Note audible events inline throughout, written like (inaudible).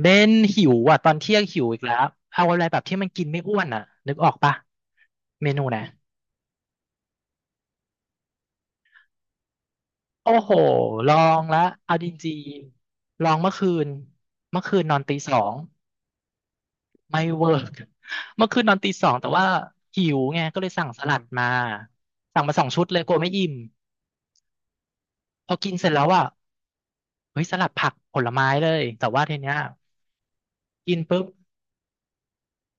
เบนหิวอ่ะตอนเที่ยงหิวอีกแล้วเอาอะไรแบบที่มันกินไม่อ้วนอ่ะนึกออกปะเมนูนะโอ้โหลองละเอาจริงๆลองเมื่อคืนเมื่อคืนนอนตีสองไม่เวิร์กเมื่อคืนนอนตีสองแต่ว่าหิวไงก็เลยสั่งสลัดมาสั่งมาสองชุดเลยกลัวไม่อิ่มพอกินเสร็จแล้วอ่ะเฮ้ยสลัดผักผลไม้เลยแต่ว่าทีเนี้ยกินปุ๊บ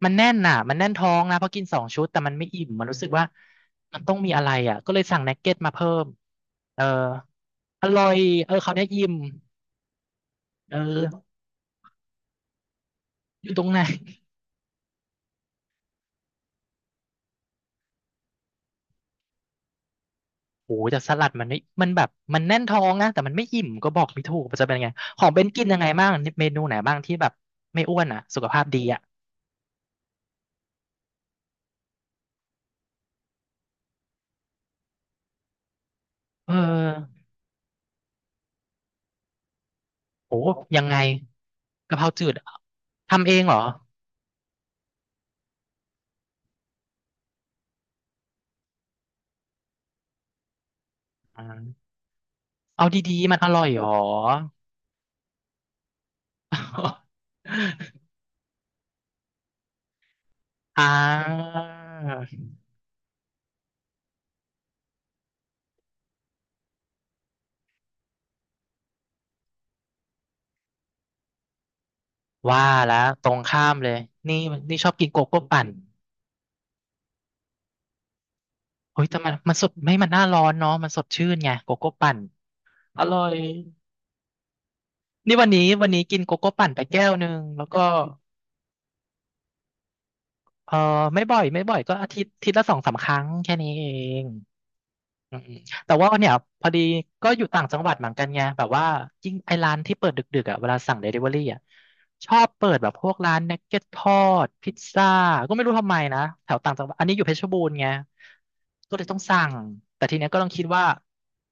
มันแน่นน่ะมันแน่นท้องนะเพราะกินสองชุดแต่มันไม่อิ่มมันรู้สึกว่ามันต้องมีอะไรอ่ะก็เลยสั่งนักเก็ตมาเพิ่มเอออร่อยเออเขาวเนี้ยอิ่มเอออยู่ตรงไหนโอ้โหแต่สลัดมันไม่มันแบบมันแน่นท้องนะแต่มันไม่อิ่มก็บอกไม่ถูกมันจะเป็นไงของเบนกินยังไงบ้างเมนูไหนบ้างที่แบบไม่อ้วนอ่ะสุขภาพดีอ่ะเออโอ้ยังไงกะเพราจืดทำเองเหรออ่าเอาดีๆมันอร่อยเหรอ (laughs) อ่าว่าแล้วตรงข้ามเลยนี่นี่ชอบกินโกโก้ปั่นเฮ้ยแต่มันมันสดไม่มันหน้าร้อนเนาะมันสดชื่นไงโกโก้ปั่นอร่อยนี่วันนี้กินโกโก้ปั่นไปแก้วหนึ่งแล้วก็เออไม่บ่อยไม่บ่อยก็อาทิตย์อาทิตย์ละสองสามครั้งแค่นี้เอง อืมอืมแต่ว่าเนี่ยพอดีก็อยู่ต่างจังหวัดเหมือนกันไงแบบว่ายิ่งไอ้ร้านที่เปิดดึกๆอ่ะเวลาสั่งเดลิเวอรี่อ่ะชอบเปิดแบบพวกร้านนักเก็ตทอดพิซซ่าก็ไม่รู้ทำไมนะแถวต่างจังหวัดอันนี้อยู่เพชรบูรณ์ไงก็เลยต้องสั่งแต่ทีเนี้ยก็ต้องคิดว่า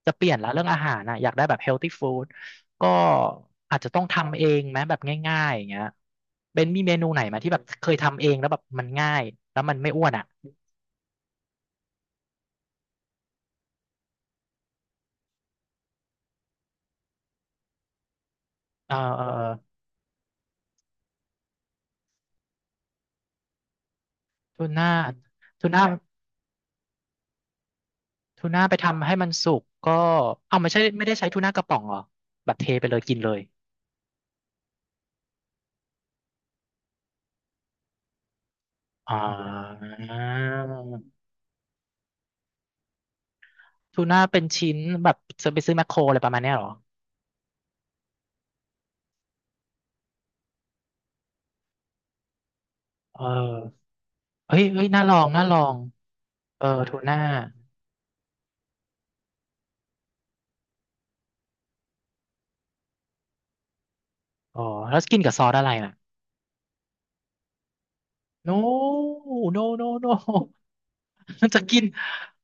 จะเปลี่ยนละเรื่องอาหารนะอยากได้แบบเฮลตี้ฟู้ดก็อาจจะต้องทำเองไหมแบบง่ายๆอย่างเงี้ยเบนมีเมนูไหนไหมที่แบบเคยทำเองแล้วแบบมันง่ายแล้วมันไม่อ้วนอ่ะเออเออเออทูน่าทูน่า ทูน่าไปทำให้มันสุกก็เอาไม่ใช่ไม่ได้ใช้ทูน่ากระป๋องเหรอแบบเทไปเลยกินเลยอ่าทูน่าเป็นชิ้นแบบจะไปซื้อแมคโครอะไรประมาณเนี้ยเหรอเออเฮ้ยเฮ้ยน่าลองน่าลองเออทูน่าอ๋อแล้วกินกับซอสอะไรน่ะโนโนโนโนมัน (laughs) จะกิน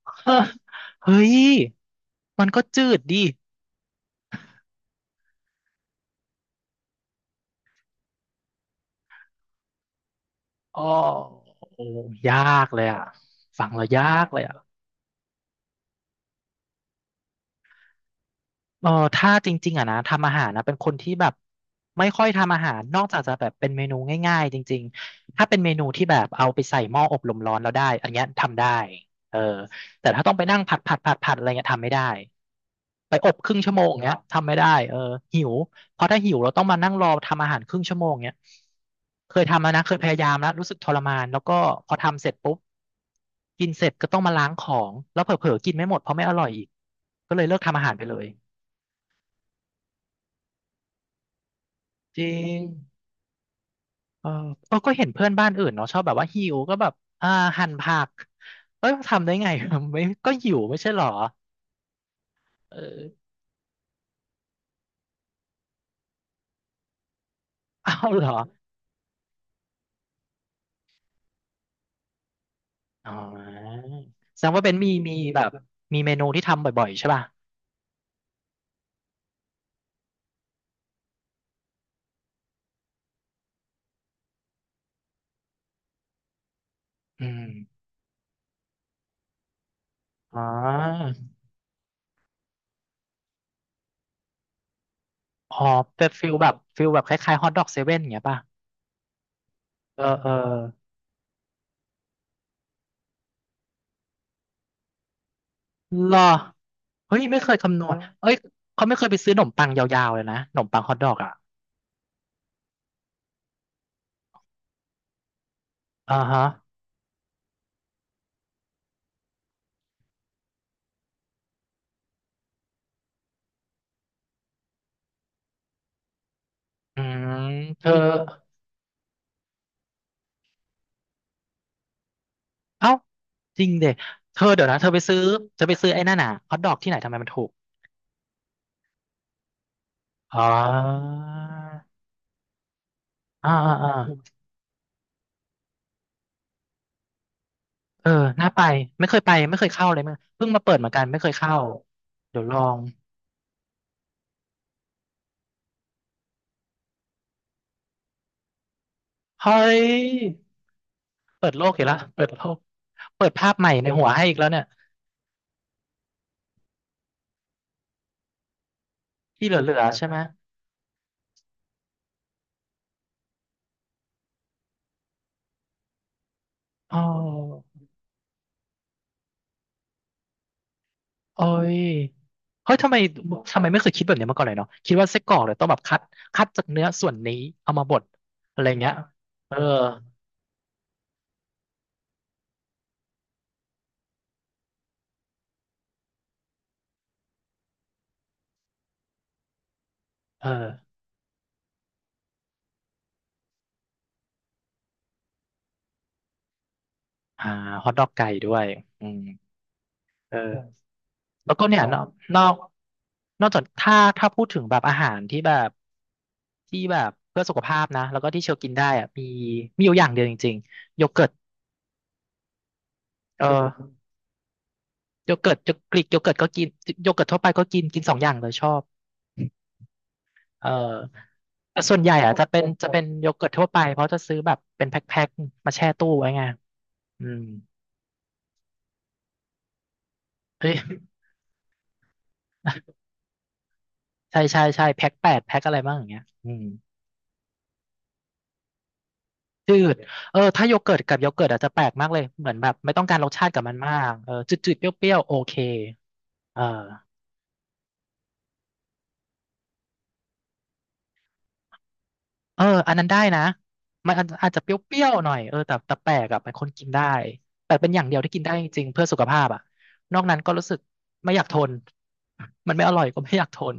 (laughs) เฮ้ยมันก็จืดดิอ๋อโอ้ยากเลยอ่ะฟังแล้วยากเลยอ่ะ เออถ้าจริงๆอ่ะนะทำอาหารนะเป็นคนที่แบบไม่ค่อยทำอาหารนอกจากจะแบบเป็นเมนูง่ายๆจริงๆถ้าเป็นเมนูที่แบบเอาไปใส่หม้ออบลมร้อนแล้วได้อันเนี้ยทำได้เออแต่ถ้าต้องไปนั่งผัดผัดผัดผัดอะไรเงี้ยทำไม่ได้ไปอบครึ่งชั่วโมงเงี้ยทำไม่ได้เออหิวเพราะถ้าหิวเราต้องมานั่งรอทำอาหารครึ่งชั่วโมงเงี้ยเคยทำแล้วนะเคยพยายามแล้วรู้สึกทรมานแล้วก็พอทำเสร็จปุ๊บกินเสร็จก็ต้องมาล้างของแล้วเผลอๆกินไม่หมดเพราะไม่อร่อยอีกก็เลยเลิกทำอาหารไปเลย จริงเออเออก็เห็นเพื่อนบ้านอื่นเนาะชอบแบบว่าหิวก็แบบ อ่าหั่นผักเอ้ยทำได้ไง (laughs) ไม่ก็หิวไม่ใช่เหรอ เออเอาเหรออ๋อแสดงว่าเป็นมีแบบมีเมนูที่ทำบ่อยๆใช่ป่ะอืมอ๋ออ๋อเป็นฟิลแบบฟิลแบบคล้ายๆฮอทดอกเซเว่นอย่างเงี้ยป่ะ เออเออเหรอ เฮ้ยไม่เคยคำนวณเอ้ยเขาไม่เคยไปซื้อขนมปังยาวๆเลยนะขนมปังฮอทดอกอ่ะอ่าฮะอืมเธอ เอ้าจริงเด็เธอเดี๋ยวนะเธอไปซื้อเธอไปซื้อไอ้นั่นน่ะฮอทดอกที่ไหนทำไมมันถูกอ๋ออ่าอ่าอ่าเออน่าไปไม่เคยไปไม่เคยเข้าเลยมั้งเพิ่งมาเปิดเหมือนกันไม่เคยเข้าเดี๋ยวลองเฮ้ยเปิดโลกอีกแล้วเปิดโลกเปิดภาพใหม่ในหัวให้อีกแล้วเนี่ยที่เหลือๆใช่ไหมอ๋อโอ้ยเฮ้ยทำไมทำไมไม่เคยคิดแบบนี้มาก่อนเลยเนาะคิดว่าไส้กรอกเนี่ยต้องแบบคัดคัดจากเนื้อส่วนนี้เอามาบดอะไรเงี้ยเออเออ อ่าฮอทดอกไก่ด้วย อืมเออแล้วก็เนี่ยนอกนอกจากถ้าพูดถึงแบบอาหารที่แบบที่แบบเพื่อสุขภาพนะแล้วก็ที่เชลกินได้อะมีอยู่อย่างเดียวจริงๆโยเกิร์ตเออโยเกิร์ตกรีกโยเกิร์ตก็กินโยเกิร์ตทั่วไปก็กินกินสองอย่างเลยชอบเออแต่ส่วนใหญ่อ่ะจะเป็นโยเกิร์ตทั่วไปเพราะจะซื้อแบบเป็นแพ็คๆมาแช่ตู้ไว้ไงอืมเฮ้ยใช่ใช่ใช่แพ็คแปดแพ็คอะไรบ้างอย่างเงี้ยอืม จืดเออถ้าโยเกิร์ตกับโยเกิร์ตอาจจะแปลกมากเลยเหมือนแบบไม่ต้องการรสชาติกับมันมากเออจืดๆเปรี้ยวๆโอเคเออเอออันนั้นได้นะมันอาจจะเปรี้ยวๆหน่อยเออแต่แปลกอะเป็นคนกินได้แต่เป็นอย่างเดียวที่กินได้จริงๆเพื่อสุขภาพอะนอกนั้นก็รู้สึกไม่อยากทนมันไม่อร่อยก็ไม่อยากทน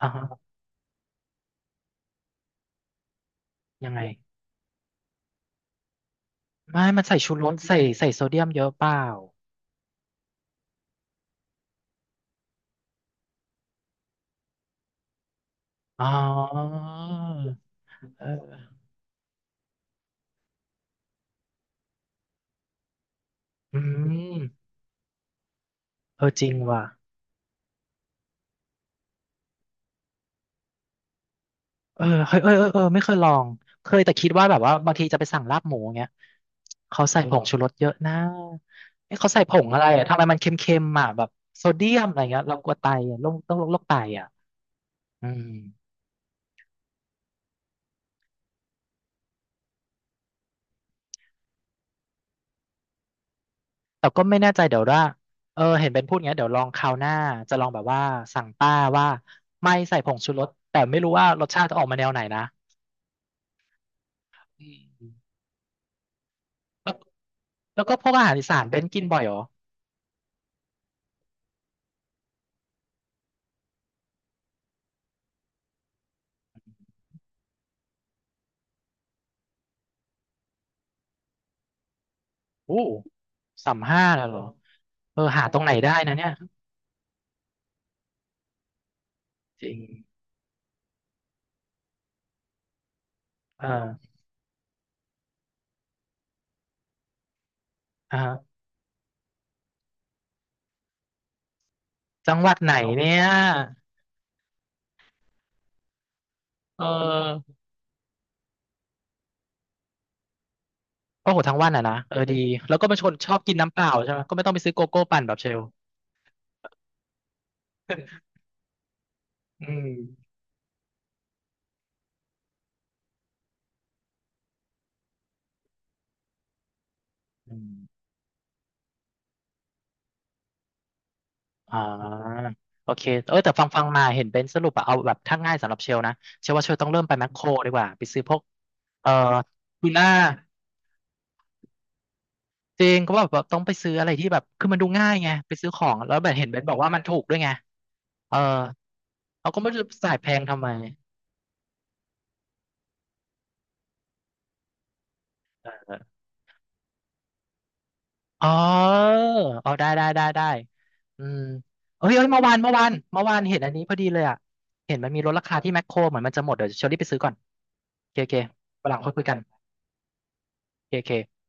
อ่าฮะยังไงไม่มันใส่ชูรสใส่โซเดียมเยอะเปล่าอ๋อเอออืมเออจริงว่ะ เออเฮ้ยเออเออเออไม่เคยลองเคยแต่คิดว่าแบบว่าบางทีจะไปสั่งลาบหมูเงี้ยเขาใส่ผงชูรสเยอะนะเอ้เขาใส่ผงอะไรอะทำไมมันเค็มๆอ่ะแบบโซเดียมอะไรเงี้ยเรากลัวไตอะโรคต้องโรคไตอ่ะอืมแต่ก็ไม่แน่ใจเดี๋ยวว่าเออเห็นเป็นพูดอย่างเงี้ยเดี๋ยวลองคราวหน้าจะลองแบบว่าสั่งป้าว่าไม่ใส่ผงชูรสแต่ไม่รู้ว่ารสชาติจะออกมาแนวไหนนะอืมแล้วแล้วก็พวกอาหารอีสานเบนกินบ่อยเหรออู้สามห้าน่ะเหรอเออหาตรงไหนได้นะเนี่ยจริง เอออ่าฮะจังหวัดไหนเนี่ยเออโอ้โหทั้งวันอ่ะนะเออดีแล้วก็เป็นคนชอบกินน้ำเปล่าใช่ไหมก็ไม่ต้องไปซื้อโกโก้ปั่นแบบเชลอืมอืมอ่าโอเคเออแต่ฟังมาเห็นเบนซ์สรุปอะเอาแบบถ้าง่ายสำหรับเชลนะเชลว่าเชลต้องเริ่มไปแมคโครดีกว่าไปซื้อพวกเอ่อทูน่าจริงก็แบบว่าต้องไปซื้ออะไรที่แบบคือมันดูง่ายไงไปซื้อของแล้วแบบเห็นเบนซ์บอกว่ามันถูกด้วยไงเออเราก็ไม่รู้จะจ่ายแพงทำไม อ๋อเอาได้ได้ได้ได้อืมเอ้ยเอ้ยเมื่อวานเมื่อวานเมื่อวานเห็นอันนี้พอดีเลยอ่ะเห็นมันมีลดราคาที่แมคโครเหมือนมันจะหมดเดี๋ยวเชอรี่ไปซื้อก่อนโอเคโอเควันหลังค่อยคุยกันโอเคโอเค